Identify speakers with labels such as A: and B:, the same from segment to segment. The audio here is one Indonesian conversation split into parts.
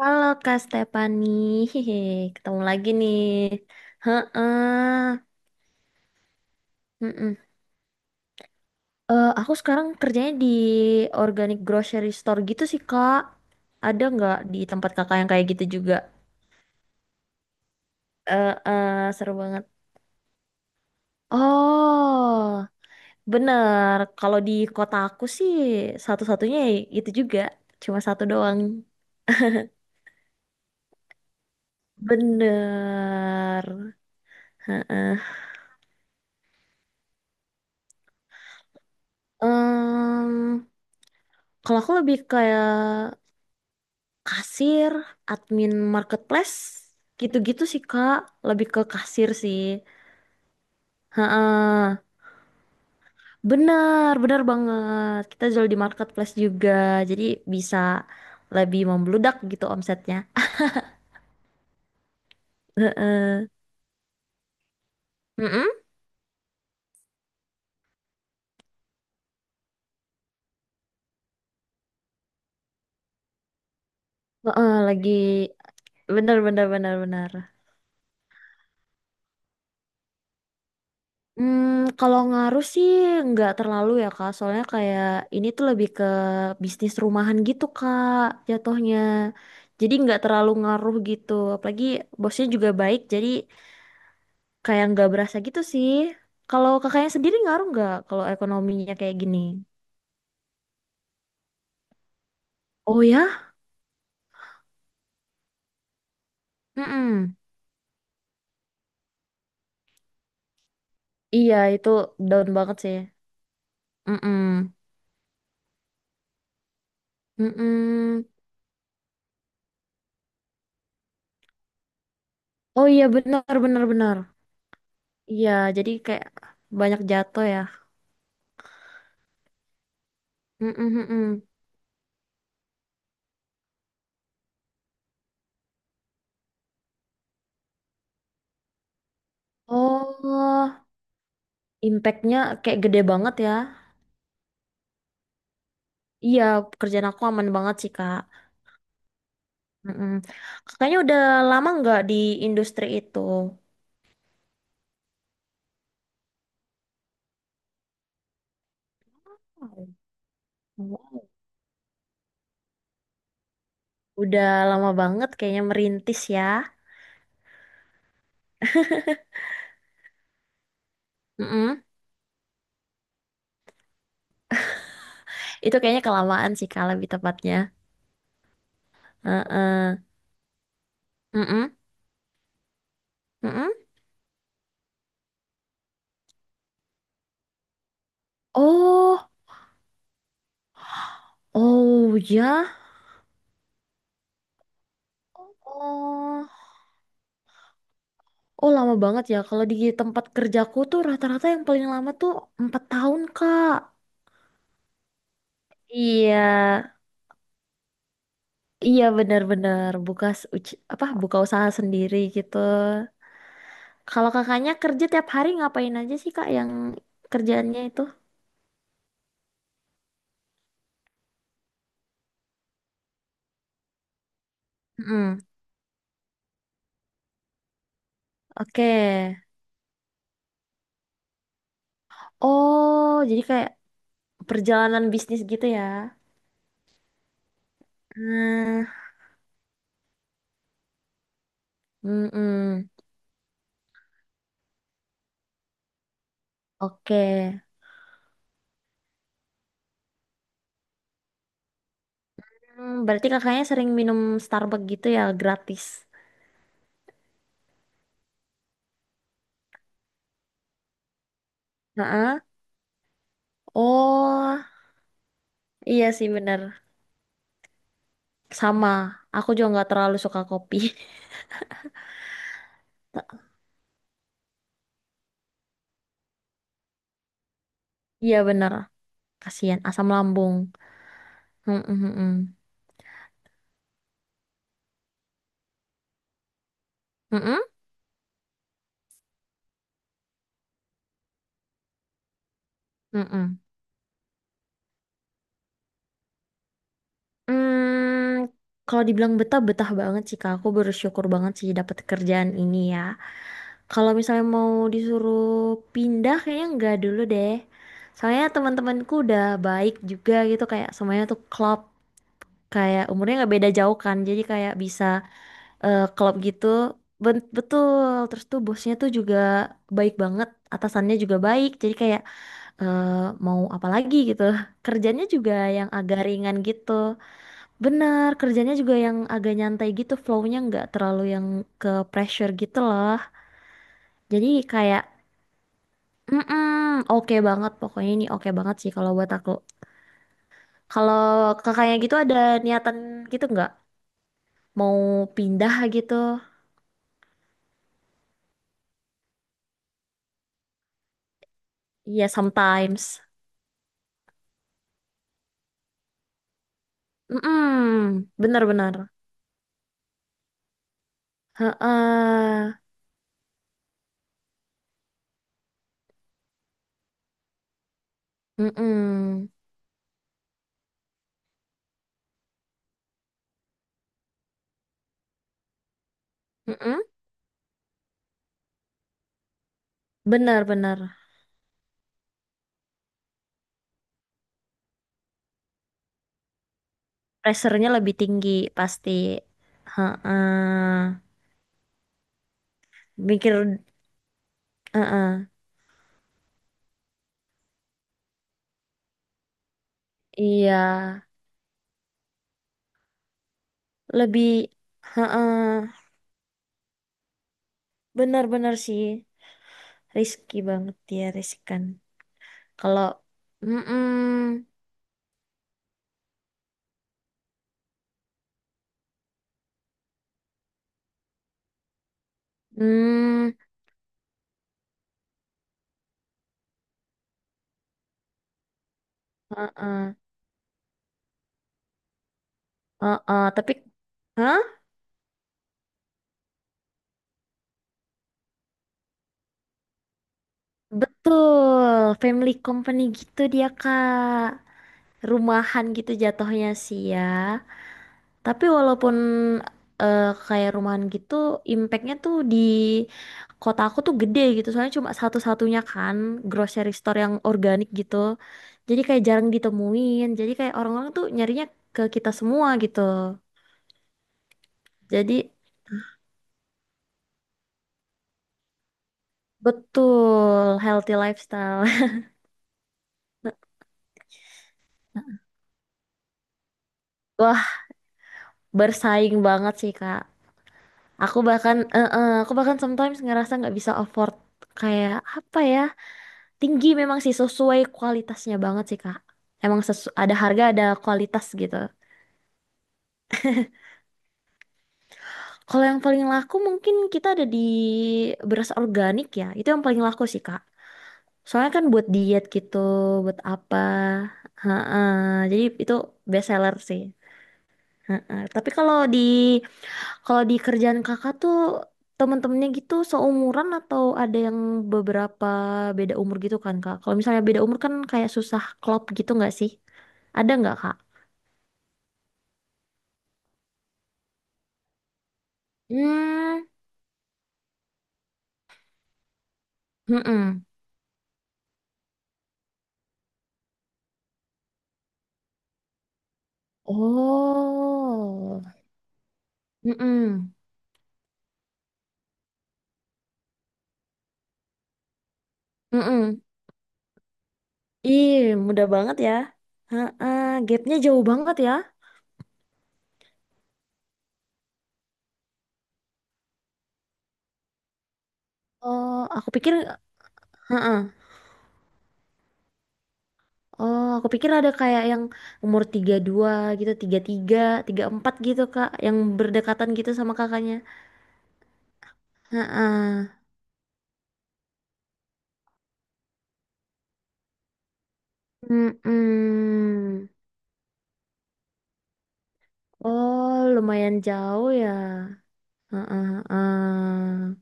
A: Halo Kak Stefani, hehe, ketemu lagi nih. Heeh, mm aku sekarang kerjanya di organic grocery store gitu sih Kak. Ada nggak di tempat kakak yang kayak gitu juga? Eh, eh, seru banget. Oh, bener. Kalau di kota aku sih satu-satunya ya itu juga, cuma satu doang. Bener. Heeh. Em, kalau aku lebih kayak kasir, admin marketplace, gitu-gitu sih Kak, lebih ke kasir sih. Heeh. Benar, benar banget. Kita jual di marketplace juga, jadi bisa lebih membludak gitu omsetnya. Heeh. Mm-mm. Heeh, lagi benar benar benar benar. Hmm, kalau ngaruh sih nggak terlalu ya Kak, soalnya kayak ini tuh lebih ke bisnis rumahan gitu Kak jatuhnya. Jadi nggak terlalu ngaruh gitu, apalagi bosnya juga baik, jadi kayak nggak berasa gitu sih. Kalau kakaknya sendiri ngaruh nggak kalau ekonominya kayak gini? Oh ya? Mm-mm. Iya itu down banget sih. Mm-mm. Mm-mm. Oh iya benar benar benar. Iya jadi kayak banyak jatuh ya. Mm-mm, mm-mm. Oh. Impactnya kayak gede banget ya. Iya, kerjaan aku aman banget sih, Kak. Mm-mm. Kakaknya udah lama nggak di industri itu? Wow. Wow. Udah lama banget kayaknya merintis ya. Mm-mm. Itu kayaknya kelamaan sih, Kak, lebih tepatnya. Heeh. Mm-mm. Mm-mm. Oh, oh ya. Oh, oh lama banget ya. Kalau di tempat kerjaku tuh rata-rata yang paling lama tuh 4 tahun, Kak. Iya. Iya benar-benar buka s- uci- apa buka usaha sendiri gitu. Kalau kakaknya kerja tiap hari ngapain aja sih kak yang kerjaannya itu? Mm-mm. Oke. Oh, jadi kayak perjalanan bisnis gitu ya. Hmm, Mm-mm. Oke. Berarti kakaknya sering minum Starbucks gitu ya gratis. Heeh. Oh, iya sih bener. Sama. Aku juga nggak terlalu suka kopi. Iya bener. Kasihan asam lambung. Mm-mm, mm-mm. Mm-mm, mm-mm. Hmm, hmm? Hmm, hmm. Hmm, kalau dibilang betah, betah banget sih Kak. Aku bersyukur banget sih dapat kerjaan ini ya. Kalau misalnya mau disuruh pindah, kayaknya enggak dulu deh. Soalnya teman-temanku udah baik juga gitu, kayak semuanya tuh klop. Kayak umurnya nggak beda jauh kan, jadi kayak bisa klop gitu. Betul. Terus tuh bosnya tuh juga baik banget, atasannya juga baik. Jadi kayak eh, mau apa lagi gitu. Kerjanya juga yang agak ringan gitu. Benar, kerjanya juga yang agak nyantai gitu, flow-nya nggak terlalu yang ke pressure gitu loh. Jadi kayak, oke banget, pokoknya ini oke banget sih kalau buat aku. Kalau kakaknya gitu ada niatan gitu nggak? Mau pindah gitu? Iya, sometimes. Mm-mm, benar-benar. Heeh. Mm-mm. Mm-mm. Benar-benar. Pressure-nya lebih tinggi pasti. Heeh. Mikir heeh. Iya, lebih heeh. Benar-benar sih risky banget dia riskan. Kalau mm-mm, mm, heeh, heeh. Tapi hah? Betul, family company gitu dia, Kak. Rumahan gitu jatuhnya sih ya. Tapi walaupun eh, kayak rumahan gitu, impactnya tuh di kota aku tuh gede gitu. Soalnya cuma satu-satunya kan grocery store yang organik gitu. Jadi kayak jarang ditemuin. Jadi kayak orang-orang tuh nyarinya ke kita semua gitu. Jadi betul healthy lifestyle. Wah, bersaing banget sih, Kak. Aku bahkan sometimes ngerasa nggak bisa afford kayak apa ya? Tinggi memang sih sesuai kualitasnya banget sih Kak. Emang ada harga ada kualitas gitu. Kalau yang paling laku mungkin kita ada di beras organik ya. Itu yang paling laku sih Kak. Soalnya kan buat diet gitu, buat apa. Heeh. Jadi itu best seller sih. Heeh. Tapi kalau di kerjaan Kakak tuh temen-temennya gitu seumuran atau ada yang beberapa beda umur gitu kan Kak? Kalau misalnya beda umur kan kayak susah klop gitu nggak sih? Ada nggak Kak? Hmm, mm-mm, Oh, mm-mm, mm-mm. Ih, mudah banget ya. Heeh, gapnya jauh banget ya. oh, aku pikir, oh, aku pikir ada kayak yang umur 32 gitu, 33, empat gitu, Kak, yang berdekatan gitu sama kakaknya. Heeh. Mm-mm. Oh, lumayan jauh ya. Heeh, heeh.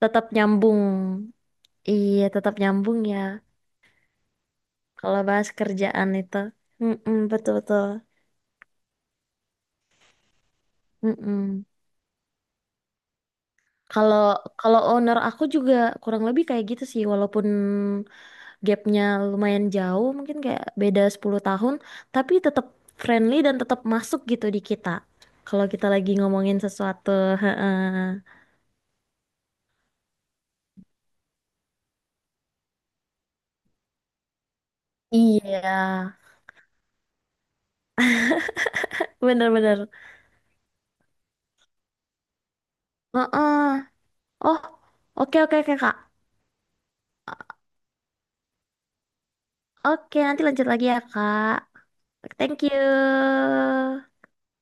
A: Tetap nyambung. Iya, tetap nyambung ya. Kalau bahas kerjaan itu, betul-betul. Mm-mm. Kalau kalau owner aku juga kurang lebih kayak gitu sih, walaupun gapnya lumayan jauh, mungkin kayak beda 10 tahun, tapi tetap friendly dan tetap masuk gitu di kita. Kalau kita lagi ngomongin sesuatu, heeh. Iya, bener-bener. Heeh. Oh, oke oke oke, Kak. Oke, nanti lanjut lagi ya, Kak. Thank you.